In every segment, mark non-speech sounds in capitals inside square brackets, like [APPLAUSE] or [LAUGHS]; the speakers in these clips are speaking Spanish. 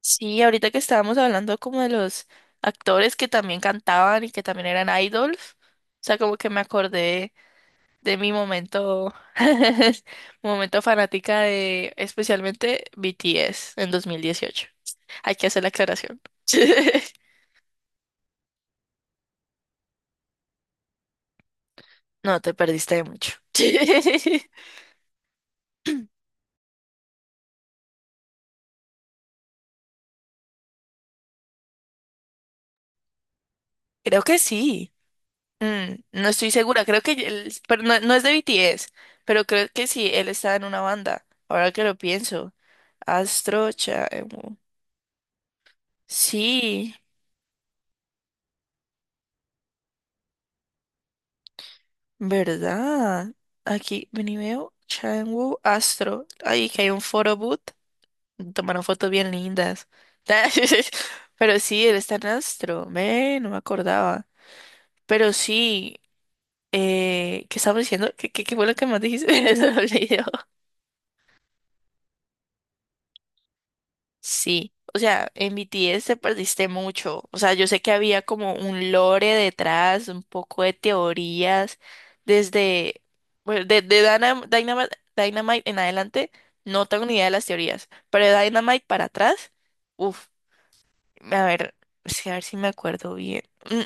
Sí, ahorita que estábamos hablando como de los actores que también cantaban y que también eran idols, o sea, como que me acordé de mi momento, [LAUGHS] momento fanática de especialmente BTS en 2018. Hay que hacer la aclaración. [LAUGHS] No, te perdiste de mucho. [LAUGHS] Creo que sí. Mm, no estoy segura, creo que pero no, no es de BTS, pero creo que sí, él estaba en una banda, ahora que lo pienso. Astro Chaemo. Sí, ¿verdad? Aquí, ven y veo, Changwoo Astro. Ay, que hay un photo booth. Tomaron fotos bien lindas. [LAUGHS] Pero sí, él está en Astro. Ve, no me acordaba. Pero sí, ¿qué estaba diciendo? ¿Qué fue lo que más dijiste? [LAUGHS] Se me olvidó. Sí, o sea, en BTS te perdiste mucho. O sea, yo sé que había como un lore detrás, un poco de teorías, desde, bueno, de Dynamite, en adelante, no tengo ni idea de las teorías, pero de Dynamite para atrás, uff, a ver, sí, a ver si me acuerdo bien. Mm,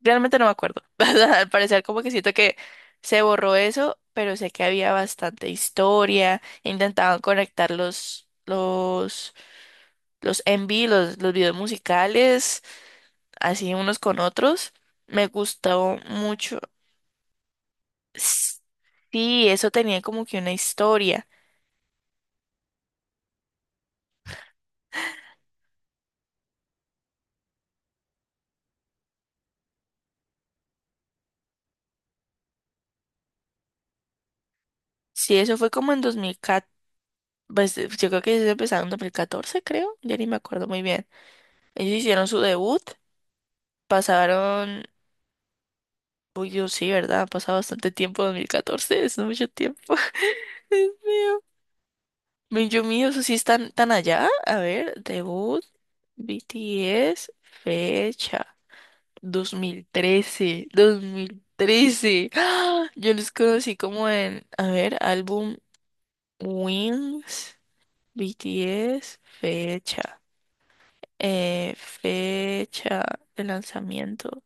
realmente no me acuerdo. [LAUGHS] Al parecer como que siento que se borró eso, pero sé que había bastante historia, intentaban conectar los MV, los videos musicales, así unos con otros. Me gustó mucho. S- Sí, eso tenía como que una historia. Sí, eso fue como en 2014, pues yo creo que ellos empezaron en 2014, creo, ya ni me acuerdo muy bien. Ellos hicieron su debut, pasaron, uy, yo sí, ¿verdad? Ha pasado bastante tiempo, 2014, es mucho tiempo. [LAUGHS] Dios mío. Yo mío, eso sí están tan allá. A ver, debut, BTS, fecha. 2013, 2013. ¡Ah! Yo los conocí como en, a ver, álbum Wings, BTS, fecha, fecha de lanzamiento,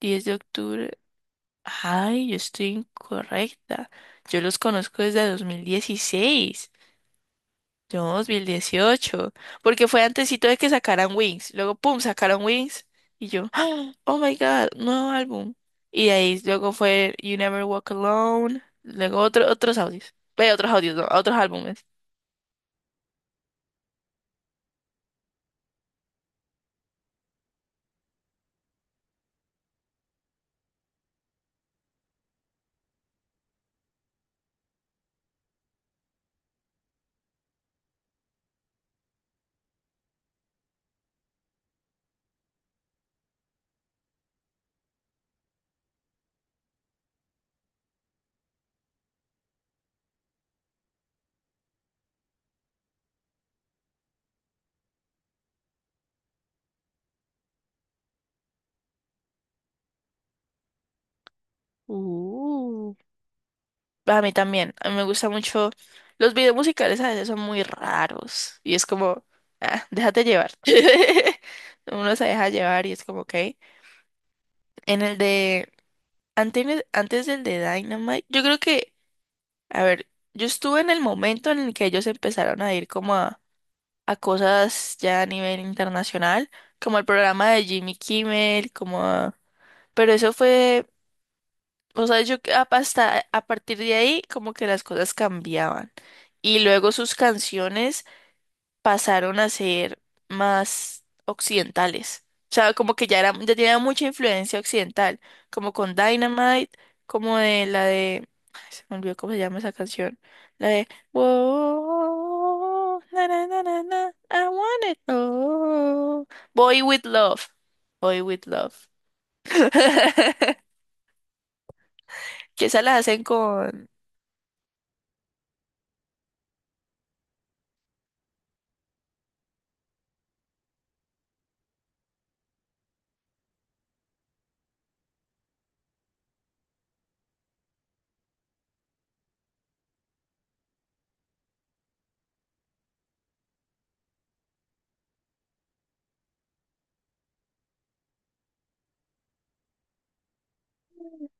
10 de octubre. Ay, yo estoy incorrecta. Yo los conozco desde 2016. No, 2018 porque fue antesito de que sacaran Wings, luego pum, sacaron Wings y yo, ¡ah! Oh my God, nuevo álbum. Y de ahí luego fue You Never Walk Alone, luego otro, otros audios, ve otros audios, no, otros álbumes. Uh, A mí también, a mí me gusta mucho, los videos musicales a veces son muy raros y es como, ah, déjate llevar. [LAUGHS] Uno se deja llevar y es como, ok. En el de, antes, antes del de Dynamite, yo creo que a ver, yo estuve en el momento en el que ellos empezaron a ir como a cosas ya a nivel internacional, como el programa de Jimmy Kimmel, como pero eso fue, o sea, hasta a partir de ahí como que las cosas cambiaban. Y luego sus canciones pasaron a ser más occidentales. O sea, como que ya era, ya tenía mucha influencia occidental, como con Dynamite, como ay, se me olvidó cómo se llama esa canción, la de Whoa, na, na, na, na, na, I want it all. Boy with Love, Boy with Love. [LAUGHS] Que esa la hacen con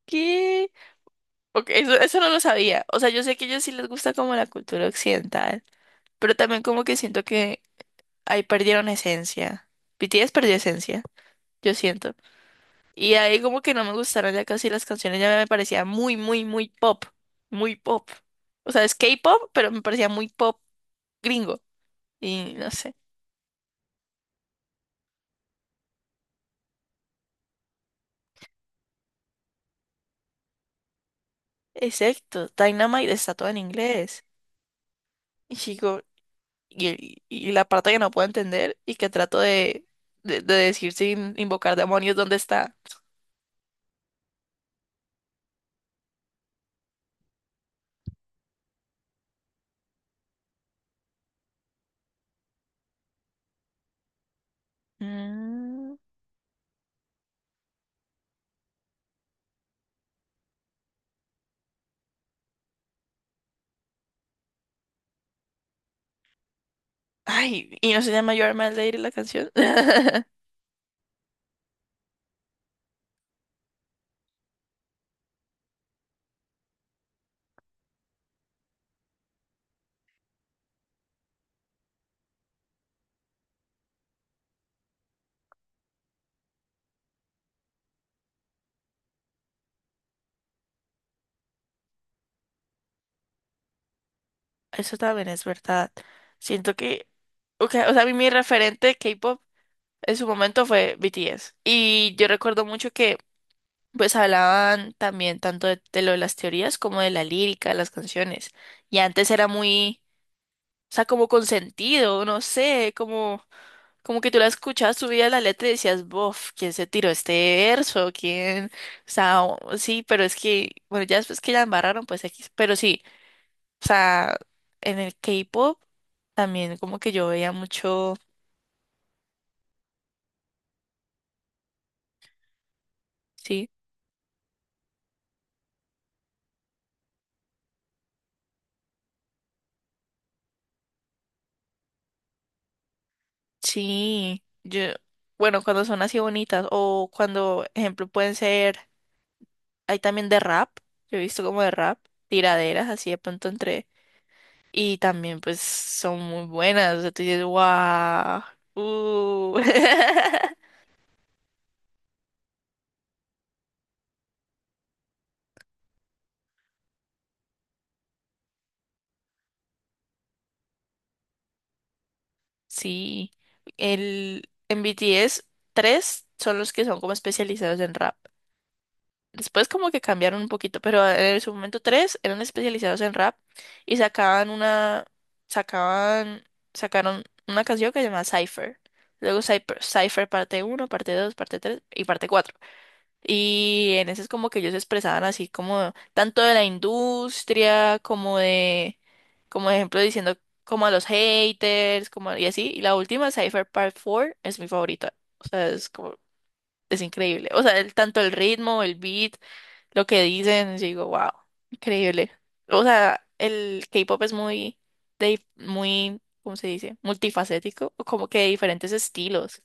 ¿qué? Ok, eso no lo sabía. O sea, yo sé que a ellos sí les gusta como la cultura occidental, pero también como que siento que ahí perdieron esencia. BTS perdió esencia, yo siento. Y ahí como que no me gustaron ya casi las canciones, ya me parecía muy, muy, muy pop, muy pop. O sea, es K-pop, pero me parecía muy pop gringo. Y no sé. Exacto, Dynamite está todo en inglés. Y chico, y la parte que no puedo entender y que trato de decir sin invocar demonios, ¿dónde está? Mm. Ay, y no se llama Your My Lady la canción. [LAUGHS] Eso también es verdad. Siento que, okay, o sea, a mí mi referente de K-pop en su momento fue BTS. Y yo recuerdo mucho que, pues, hablaban también tanto de lo de las teorías como de la lírica, de las canciones. Y antes era muy, o sea, como consentido, no sé, como, como que tú la escuchabas, subías la letra y decías, bof, ¿quién se tiró este verso? ¿Quién? O sea, sí, pero es que, bueno, ya después que la embarraron, pues, X. Pero sí. O sea, en el K-pop también como que yo veía mucho, sí, sí, yo, bueno, cuando son así bonitas o cuando, ejemplo, pueden ser, hay también de rap, yo he visto como de rap, tiraderas así de pronto entre, y también pues son muy buenas, o sea, tú dices, wow, uh. [LAUGHS] Sí, en B T S tres son los que son como especializados en rap. Después como que cambiaron un poquito, pero en su momento tres eran especializados en rap y sacaban, sacaron una canción que se llamaba Cypher. Luego Cypher, Cypher parte uno parte 2 parte 3 y parte cuatro. Y en ese es como que ellos se expresaban así como tanto de la industria como de, como ejemplo diciendo como a los haters, como y así. Y la última, Cypher Part 4, es mi favorita. O sea, es como, es increíble. O sea, el, tanto el ritmo, el beat lo que dicen, yo digo, wow, increíble. O sea, el K-pop es muy, de, muy, ¿cómo se dice? Multifacético, o como que de diferentes estilos.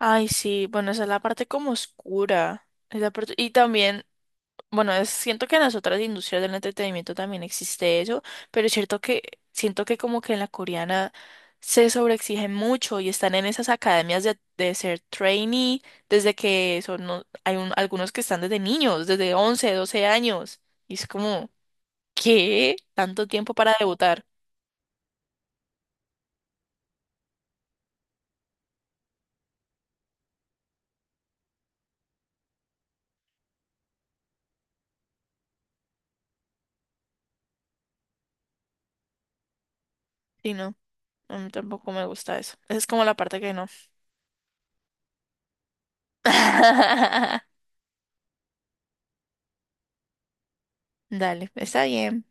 Ay, sí, bueno, esa es la parte como oscura. Y también bueno, siento que en las otras industrias del entretenimiento también existe eso, pero es cierto que siento que como que en la coreana se sobreexigen mucho y están en esas academias de ser trainee desde que son, algunos que están desde niños, desde 11 12 años. Y es como, ¿qué? ¿Tanto tiempo para debutar? Sí, no, a mí tampoco me gusta eso. Esa es como la parte que no. [LAUGHS] Dale, está bien.